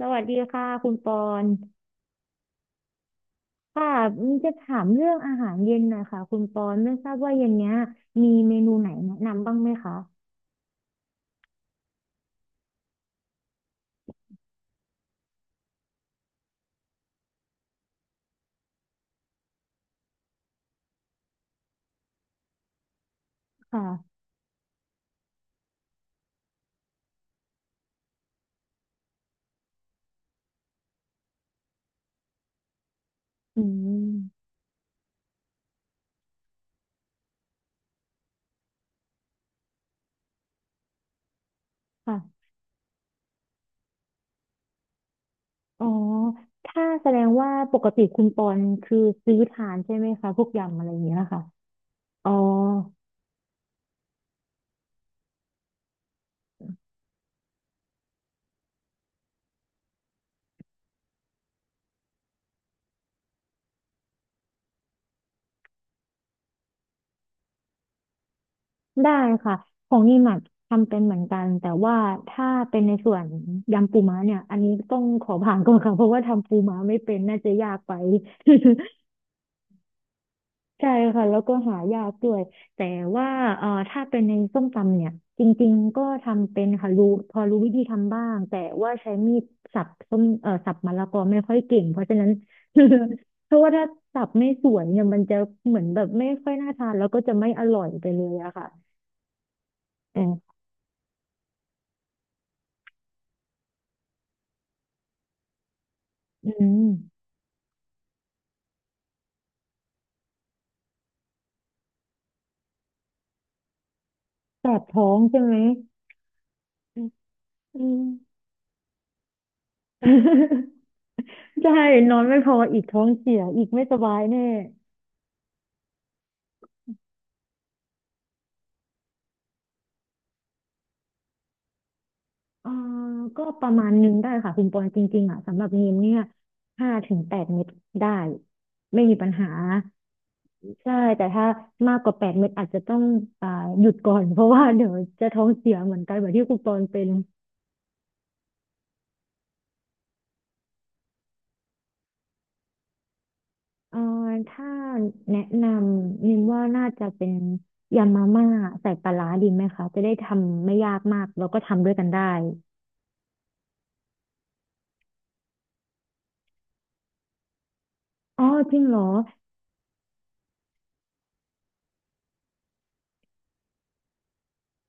สวัสดีค่ะคุณปอนค่ะจะถามเรื่องอาหารเย็นหน่อยค่ะคุณปอนไม่ทราบว่าเย็นเนี้ยมีเมนูไหนแนะนำบ้างไหมคะค่ะอืมค่ะอ๋อถ้าแสดงว่าปกติคุณปอนคือซื้อทานใช่ไหมคะพวกยำอะไรอย่างเงี้ยค่ะอ๋อได้ค่ะของนี่หมักทำเป็นเหมือนกันแต่ว่าถ้าเป็นในส่วนยำปูม้าเนี่ยอันนี้ต้องขอผ่านก่อนค่ะเพราะว่าทำปูม้าไม่เป็นน่าจะยากไป ใช่ค่ะแล้วก็หายากด้วยแต่ว่าถ้าเป็นในส้มตำเนี่ยจริงๆก็ทำเป็นค่ะรู้พอรู้วิธีทำบ้างแต่ว่าใช้มีดสับส้มสับมะละกอไม่ค่อยเก่งเพราะฉะนั้น เพราะว่าถ้าสับไม่สวยเนี่ยมันจะเหมือนแบบไม่ค่อยน่าทานแล้วก็จะไม่อร่อยไปเลยอะค่ะแต่อืมแสบท้องใช่ไหมอืม ใช่นอนไม่พออีกท้องเสียอีกไม่สบายแน่ เอ่อก็ประมาณหนึงได้ค่ะคุณปอนจริงๆอ่ะสำหรับนีมเนี่ยห้าถึงแปดเม็ดได้ไม่มีปัญหาใช่แต่ถ้ามากกว่าแปดเม็ดอาจจะต้องอ่าหยุดก่อน เพราะว่าเดี๋ยวจะท้องเสียเหมือนกันแบบที่คุณปอนเป็นเอ่อถ้าแนะนำนิมว่าน่าจะเป็นยำมาม่าใส่ปลาร้าดีไหมคะจะได้ทำไม่ยากมากแล้วก็ทำด้วยกันได้อ๋อจริงเหรอ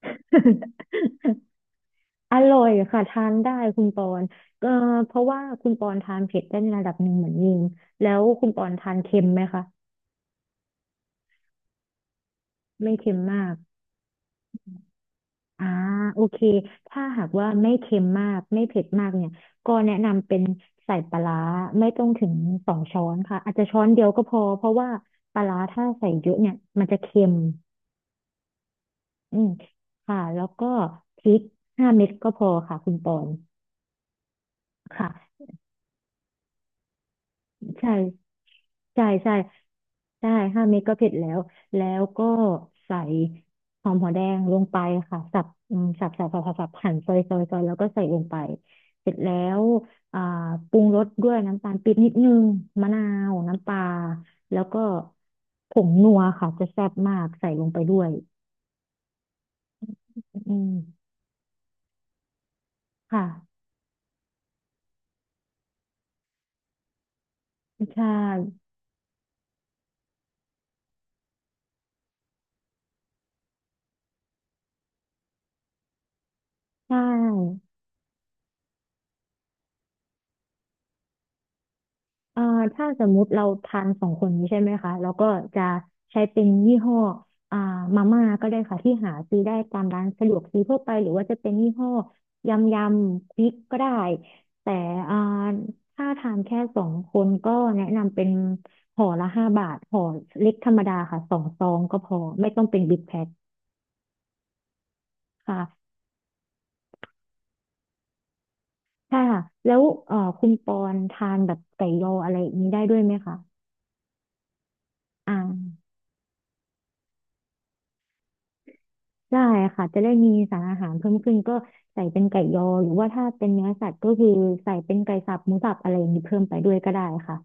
อร่อยค่ะทานได้คุณปอนเอ่อเพราะว่าคุณปอนทานเผ็ดได้ในระดับหนึ่งเหมือนยิงแล้วคุณปอนทานเค็มไหมคะไม่เค็มมากอ่าโอเคถ้าหากว่าไม่เค็มมากไม่เผ็ดมากเนี่ยก็แนะนำเป็นใส่ปลาร้าไม่ต้องถึงสองช้อนค่ะอาจจะช้อนเดียวก็พอเพราะว่าปลาร้าถ้าใส่เยอะเนี่ยมันจะเค็มอืมค่ะแล้วก็พริกห้าเม็ดก็พอค่ะคุณปอนค่ะ ใช่ใช่ใช่ใช่ห้าเม็ดก็เผ็ดแล้วแล้วก็ใส่หอมหัวแดงลงไปค่ะสับสับหั่นซอยแล้วก็ใส่ลงไปเสร็จแล้วอ่าปรุงรสด้วยน้ำตาลปี๊บนิดนึงมะนาวน้ำปลาแล้วก็ผงนัวค่ะจะแซ่บมากใส่ลงไปด้วยอืมค่ะใช่ใช่ อ่าถ้าสมมุติเราทานสองคนนี้ใช่ไหมคะแล้วก็จะใช้เป็นยี่ห้ออ่ามาม่าก็ได้ค่ะที่หาซื้อได้ตามร้านสะดวกซื้อทั่วไปหรือว่าจะเป็นยี่ห้อยำยำพริกก็ได้แต่อ่าถ้าทานแค่สองคนก็แนะนำเป็นห่อละห้าบาทห่อเล็กธรรมดาค่ะสองซองก็พอไม่ต้องเป็นบิ๊กแพ็คค่ะใช่ค่ะแล้วคุณปอนทานแบบไก่ยออะไรอย่างนี้ได้ด้วยไหมคะอ่า ได้ค่ะจะได้มีสารอาหารเพิ่มขึ้นก็ใส่เป็นไก่ยอหรือว่าถ้าเป็นเนื้อสัตว์ก็คือใส่เป็นไก่สับหมูสับอะไรอย่างนี้เพิ่มไปด้วยก็ได้ค่ะ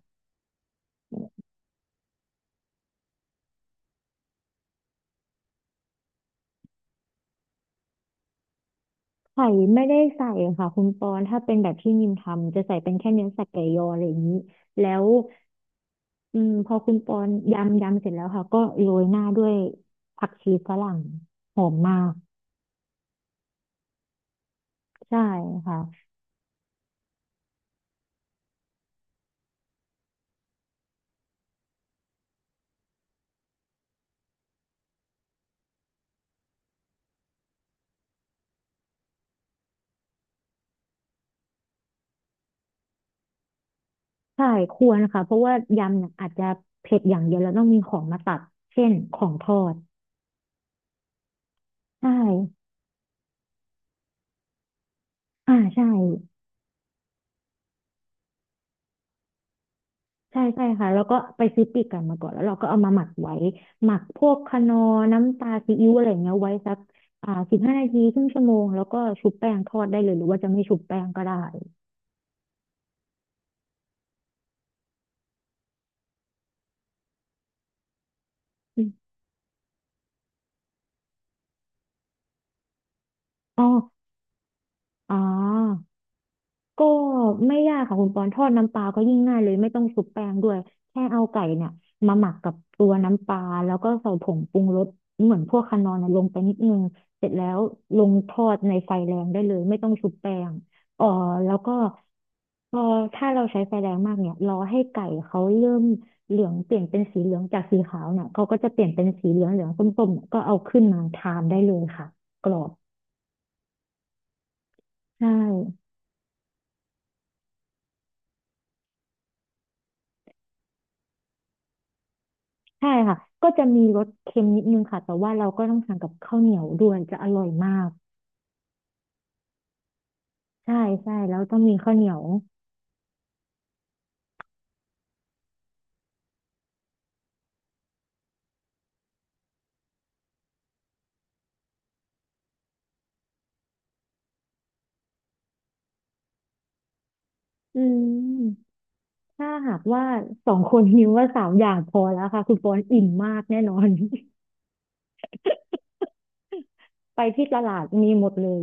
ไข่ไม่ได้ใส่ค่ะคุณปอนถ้าเป็นแบบที่นิมทำจะใส่เป็นแค่เนื้อสัตว์ไก่ยออะไรอย่างนี้แล้วอืมพอคุณปอนยำเสร็จแล้วค่ะก็โรยหน้าด้วยผักชีฝรั่งหอมมากใช่ค่ะใช่ควรค่ะเพราะว่ายำเนี่ยอาจจะเผ็ดอย่างเดียวแล้วต้องมีของมาตัดเช่นของทอดใช่อ่าใช่ ใช่ใช่ค่ะแล้วก็ไปซื้อปีกไก่มาก่อนแล้วเราก็เอามาหมักไว้หมักพวกคะนอร์น้ำตาซีอิ๊วอะไรเงี้ยไว้สักอ่าสิบห้านาทีครึ่งชั่วโมงแล้วก็ชุบแป้งทอดได้เลยหรือว่าจะไม่ชุบแป้งก็ได้อมอ๋ออ๋อ ก็ไม่ยากค่ะคุณปอนทอดน้ำปลาก็ยิ่งง่ายเลยไม่ต้องชุบแป้งด้วยแค่เอาไก่เนี่ยมาหมักกับตัวน้ำปลาแล้วก็ใส่ผงปรุงรสเหมือนพวกคานอนนะลงไปนิดนึงเสร็จแล้วลงทอดในไฟแรงได้เลยไม่ต้องชุบแป้งเอ่อแล้วก็พอถ้าเราใช้ไฟแรงมากเนี่ยรอให้ไก่เขาเริ่มเหลืองเปลี่ยนเป็นสีเหลืองจากสีขาวเนี่ยเขาก็จะเปลี่ยนเป็นสีเหลืองเหลืองส้มๆเนี่ยก็เอาขึ้นมาทานได้เลยค่ะกรอบใช่ ใช่ค่ะก็จะมีรสเค็มนิดนึงค่ะแต่ว่าเราก็ต้องสั่งกับข้าวเหนียวด้วยจะอร่อยมากใช่ใช่แล้วต้องมีข้าวเหนียวอืมถ้าหากว่าสองคนนิ้วว่าสามอย่างพอแล้วค่ะคุณปอนอิ่มมากแน่นอน ไปที่ตลาดมีหมดเลย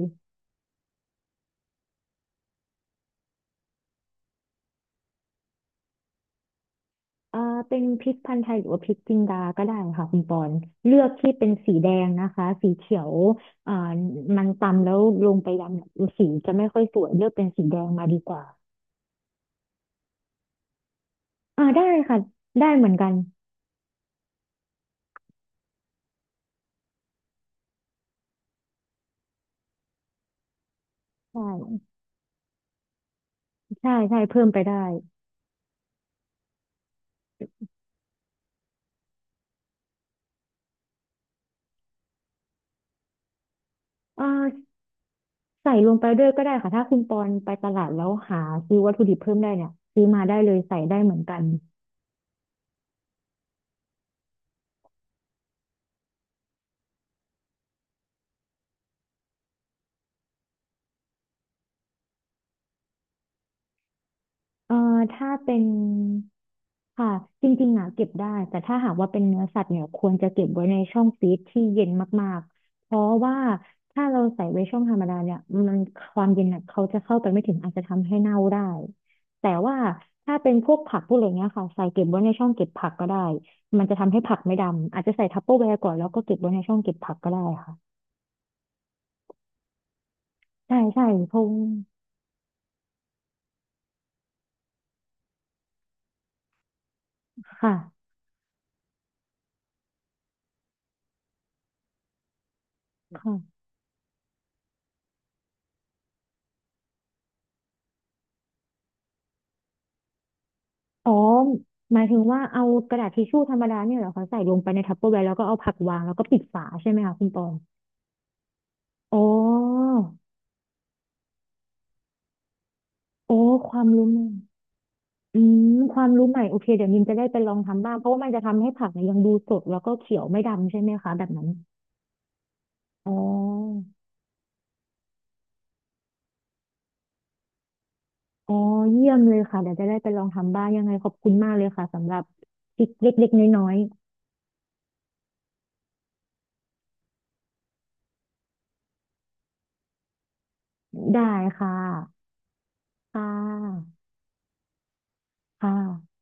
เอ่อเป็นพริกพันธุ์ไทยหรือว่าพริกจินดาก็ได้ค่ะคุณปอนเลือกที่เป็นสีแดงนะคะสีเขียวเอ่อมันตำแล้วลงไปดำเนี่ยสีจะไม่ค่อยสวยเลือกเป็นสีแดงมาดีกว่าอ่าได้ค่ะได้เหมือนกันใช่ ใช่ใช่เพิ่มไปได้อ่าใส่ลงไปด้วยก็ได้ค่ะถ้าคุณปอนไปตลาดแล้วหาซื้อวัตถุดิบเพิ่มได้เนี่ยซื้อมาได้เลยใส่ได้เหมือนกัน เอ่อถ้าเป็นค่ะจริงๆอ่ะเก็บได้แต่ถ้าหากว่าเป็นเนื้อสัตว์เนี่ยควรจะเก็บไว้ในช่องฟรีซที่เย็นมากๆเพราะว่าถ้าเราใส่ไว้ช่องธรรมดาเนี่ยมันความเย็นน่ะเขาจะเข้าไปไม่ถึงอาจจะทำให้เน่าได้แต่ว่าถ้าเป็นพวกผักพวกอะไรเงี้ยค่ะใส่เก็บไว้ในช่องเก็บผักก็ได้มันจะทำให้ผักไม่ดำอาจจะใส่ทัปเปอร์แวร์ก่อนแล้วก็เก็บไว้ในช่องเก็บผักก็ได้ค่ะใช่ใช่เพงค่ะค่ะ อ๋อหมายถึงว่าเอากระดาษทิชชู่ธรรมดาเนี่ยเหรอคะใส่ลงไปในทัปเปอร์แวร์แล้วก็เอาผักวางแล้วก็ปิดฝาใช่ไหมคะคุณปองอ๋อโอ้ความรู้ใหม่อืมความรู้ใหม่โอเคเดี๋ยวมินจะได้ไปลองทำบ้างเพราะว่ามันจะทำให้ผักเนี่ยยังดูสดแล้วก็เขียวไม่ดำใช่ไหมคะแบบนั้นอ๋ออ๋อเยี่ยมเลยค่ะเดี๋ยวจะได้ไปลองทำบ้างยังไงขอบคุณมากเลยค่ะสำหรับทริคเล็กๆน้อยๆได้ค่ะค่ะค่ะ